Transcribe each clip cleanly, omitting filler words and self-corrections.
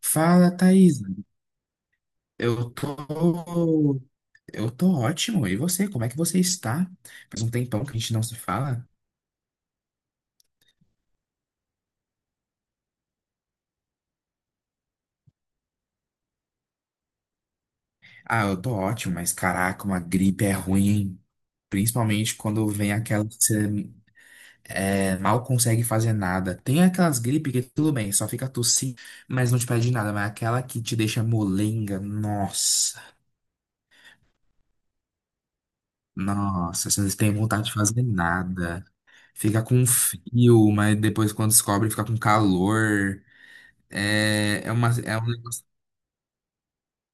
Fala, Thaís. Eu tô, eu tô ótimo. E você, como é que você está? Faz um tempão que a gente não se fala. Ah, eu tô ótimo, mas caraca, uma gripe é ruim, hein? Principalmente quando vem aquela que você mal consegue fazer nada. Tem aquelas gripes que tudo bem, só fica tossindo, mas não te pede nada. Mas aquela que te deixa molenga, nossa, nossa, você não tem vontade de fazer nada. Fica com frio, mas depois quando descobre fica com calor. É um negócio.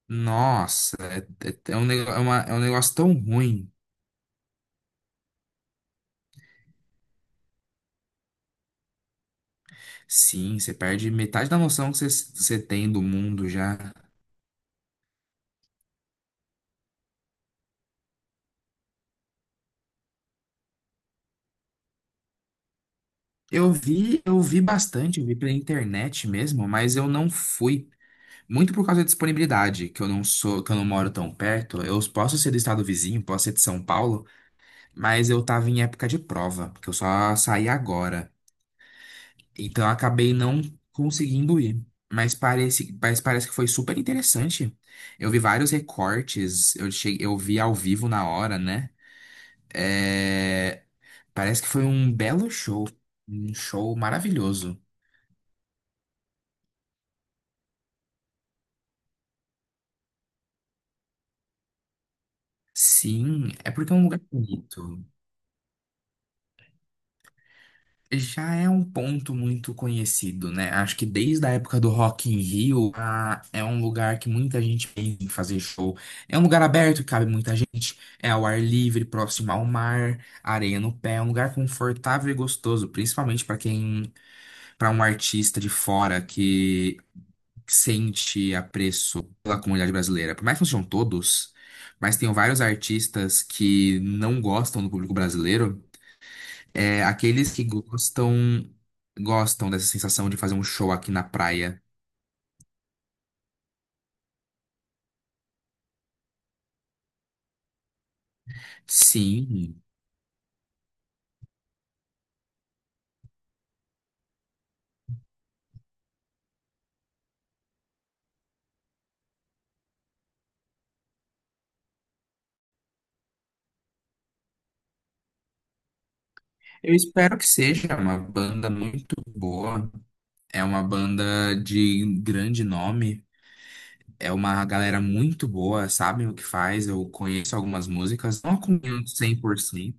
Nossa, é um negócio tão ruim. Sim, você perde metade da noção que você tem do mundo já. Eu vi bastante, eu vi pela internet mesmo, mas eu não fui. Muito por causa da disponibilidade, que eu não moro tão perto. Eu posso ser do estado vizinho, posso ser de São Paulo, mas eu tava em época de prova, porque eu só saí agora. Então eu acabei não conseguindo ir. Mas parece que foi super interessante. Eu vi vários recortes, eu vi ao vivo na hora, né? É, parece que foi um belo show, um show maravilhoso. Sim, é porque é um lugar bonito. Já é um ponto muito conhecido, né? Acho que desde a época do Rock in Rio, é um lugar que muita gente pensa em fazer show. É um lugar aberto, cabe muita gente, é ao ar livre, próximo ao mar, areia no pé, é um lugar confortável e gostoso, principalmente para um artista de fora que sente apreço pela comunidade brasileira. Por mais que não sejam todos, mas tem vários artistas que não gostam do público brasileiro. É, aqueles que gostam gostam dessa sensação de fazer um show aqui na praia. Sim, eu espero que seja uma banda muito boa. É uma banda de grande nome. É uma galera muito boa, sabem o que faz. Eu conheço algumas músicas, não acompanho 100%.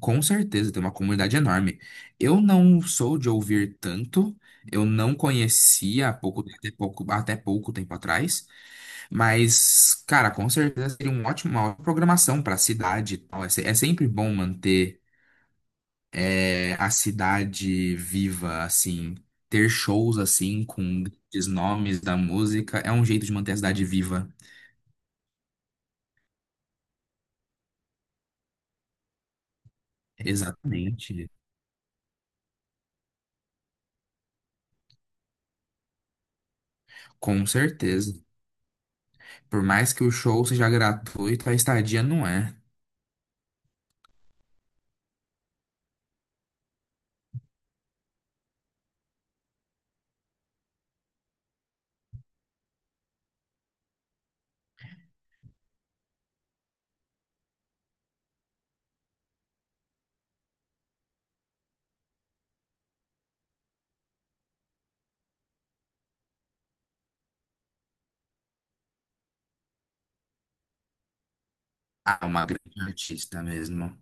Com certeza, tem uma comunidade enorme. Eu não sou de ouvir tanto. Eu não conhecia há pouco, até pouco, até pouco tempo atrás. Mas, cara, com certeza seria uma ótima programação para a cidade e tal. É, é sempre bom manter a cidade viva, assim, ter shows assim com grandes nomes da música é um jeito de manter a cidade viva. Exatamente. Com certeza. Por mais que o show seja gratuito, a estadia não é. Ah, uma grande artista mesmo.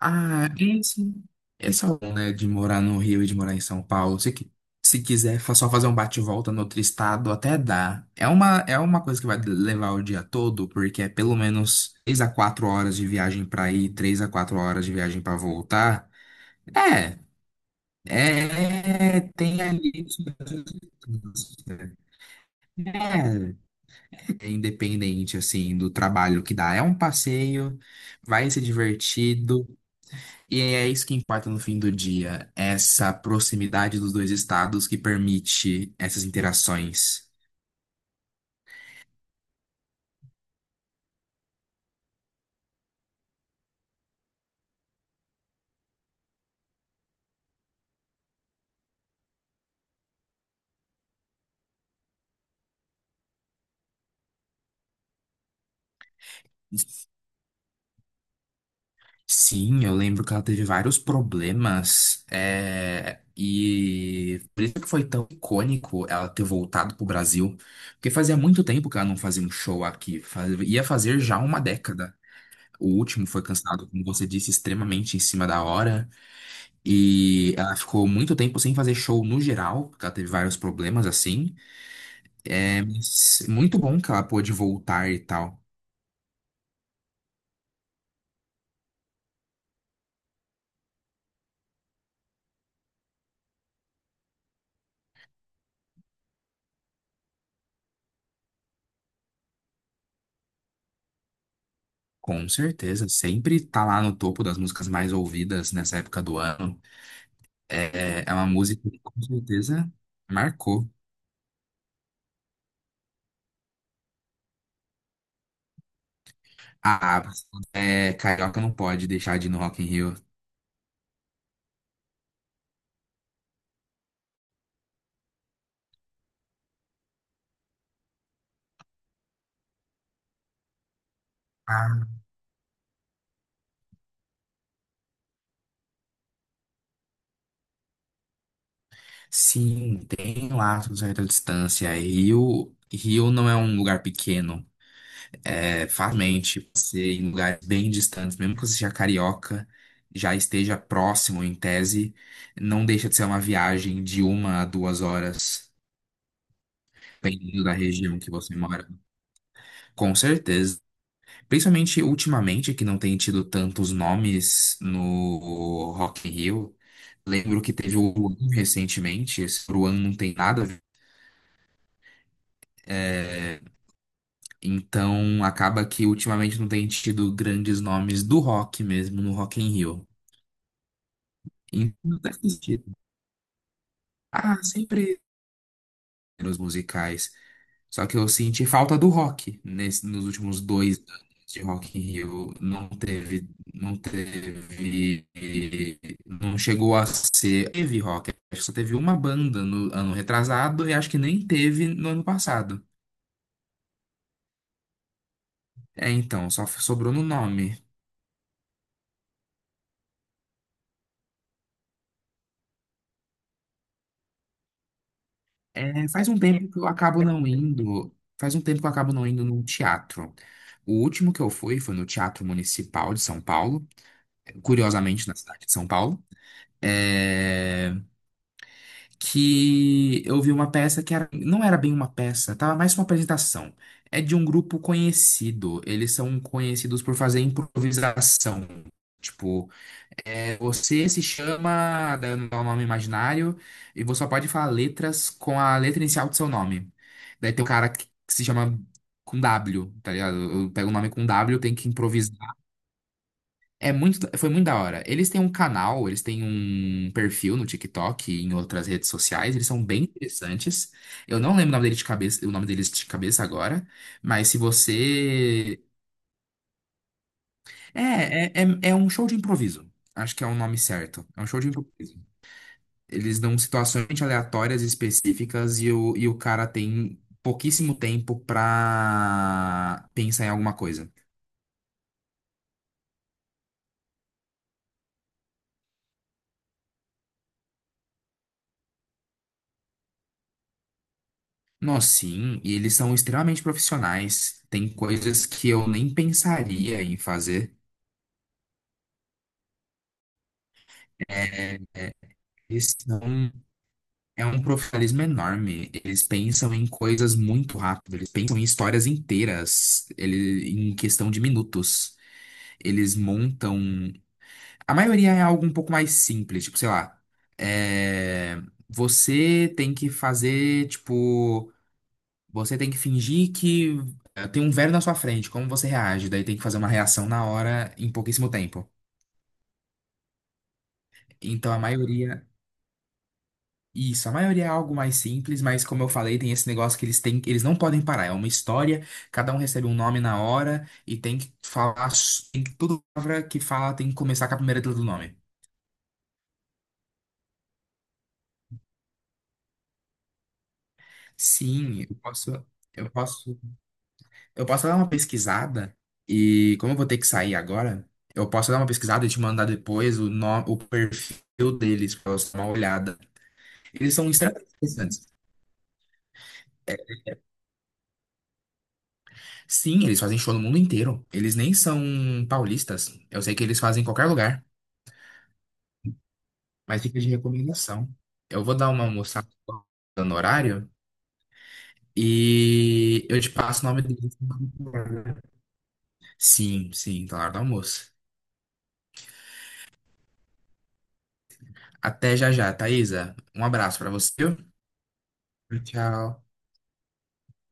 Ah, e assim, esse é bom, né, de morar no Rio e de morar em São Paulo. Se quiser, só fazer um bate volta no outro estado, até dá. É uma coisa que vai levar o dia todo, porque é pelo menos três a quatro horas de viagem pra ir, 3 a 4 horas de viagem pra voltar. É, é, tem ali. É, é independente, assim, do trabalho que dá. É um passeio, vai ser divertido. E é isso que importa no fim do dia, essa proximidade dos dois estados que permite essas interações. Sim, eu lembro que ela teve vários problemas, e por isso que foi tão icônico ela ter voltado pro Brasil, porque fazia muito tempo que ela não fazia um show aqui, ia fazer já uma década. O último foi cancelado, como você disse, extremamente em cima da hora, e ela ficou muito tempo sem fazer show no geral, porque ela teve vários problemas assim. É muito bom que ela pôde voltar e tal. Com certeza, sempre tá lá no topo das músicas mais ouvidas nessa época do ano. É, é uma música que com certeza marcou. Ah, é, Carioca não pode deixar de ir no Rock in Rio. Ah, sim, tem lá uma certa distância. Rio, Rio não é um lugar pequeno. Farmente, ser em lugares bem distantes, mesmo que você seja carioca, já esteja próximo em tese, não deixa de ser uma viagem de uma a duas horas, dependendo da região que você mora. Com certeza. Principalmente ultimamente, que não tem tido tantos nomes no Rock in Rio. Lembro que teve o Luan recentemente, esse Luan não tem nada a ver. Então acaba que ultimamente não tem tido grandes nomes do rock mesmo no Rock in Rio. Então. Ah, sempre nos musicais. Só que eu senti falta do rock nos últimos 2 anos de Rock in Rio. Não teve, não teve, não chegou a ser. Teve rock. Acho que só teve uma banda no ano retrasado e acho que nem teve no ano passado. É, então, só sobrou no nome. É, faz um tempo que eu acabo não indo. Faz um tempo que eu acabo não indo num teatro. O último que eu fui foi no Teatro Municipal de São Paulo, curiosamente na cidade de São Paulo. é, que eu vi uma peça que era, não era bem uma peça, tava mais uma apresentação. É de um grupo conhecido. Eles são conhecidos por fazer improvisação. Tipo, você se chama, dando um nome imaginário, e você só pode falar letras com a letra inicial do seu nome. Daí tem um cara que se chama com W, tá ligado? Eu pego o nome com W, tem que improvisar. Foi muito da hora. Eles têm um canal, eles têm um perfil no TikTok e em outras redes sociais, eles são bem interessantes. Eu não lembro o nome dele de cabeça, o nome deles de cabeça agora, mas se você. É, é um show de improviso. Acho que é o nome certo. É um show de improviso. Eles dão situações aleatórias e específicas e o cara tem pouquíssimo tempo pra pensar em alguma coisa. Nossa, sim, e eles são extremamente profissionais. Tem coisas que eu nem pensaria em fazer. Eles são, é um profissionalismo enorme. Eles pensam em coisas muito rápido, eles pensam em histórias inteiras, em questão de minutos. Eles montam. A maioria é algo um pouco mais simples, tipo, sei lá. é, Você tem que fazer, tipo. Você tem que fingir que tem um velho na sua frente, como você reage? Daí tem que fazer uma reação na hora, em pouquíssimo tempo. Então, isso, a maioria é algo mais simples, mas como eu falei, tem esse negócio que eles têm, eles não podem parar. É uma história, cada um recebe um nome na hora e tem que falar, tem que toda palavra que fala tem que começar com a primeira letra do nome. Sim, eu posso Eu posso dar uma pesquisada e, como eu vou ter que sair agora, eu posso dar uma pesquisada e te mandar depois o, no- o perfil deles pra você dar uma olhada. Eles são extremamente interessantes. Sim, eles fazem show no mundo inteiro. Eles nem são paulistas. Eu sei que eles fazem em qualquer lugar, mas fica de recomendação. Eu vou dar uma almoçada no horário e eu te passo o nome deles. Sim, sim, tá na hora do almoço. Até já já, Thaisa. Um abraço pra você. Tchau.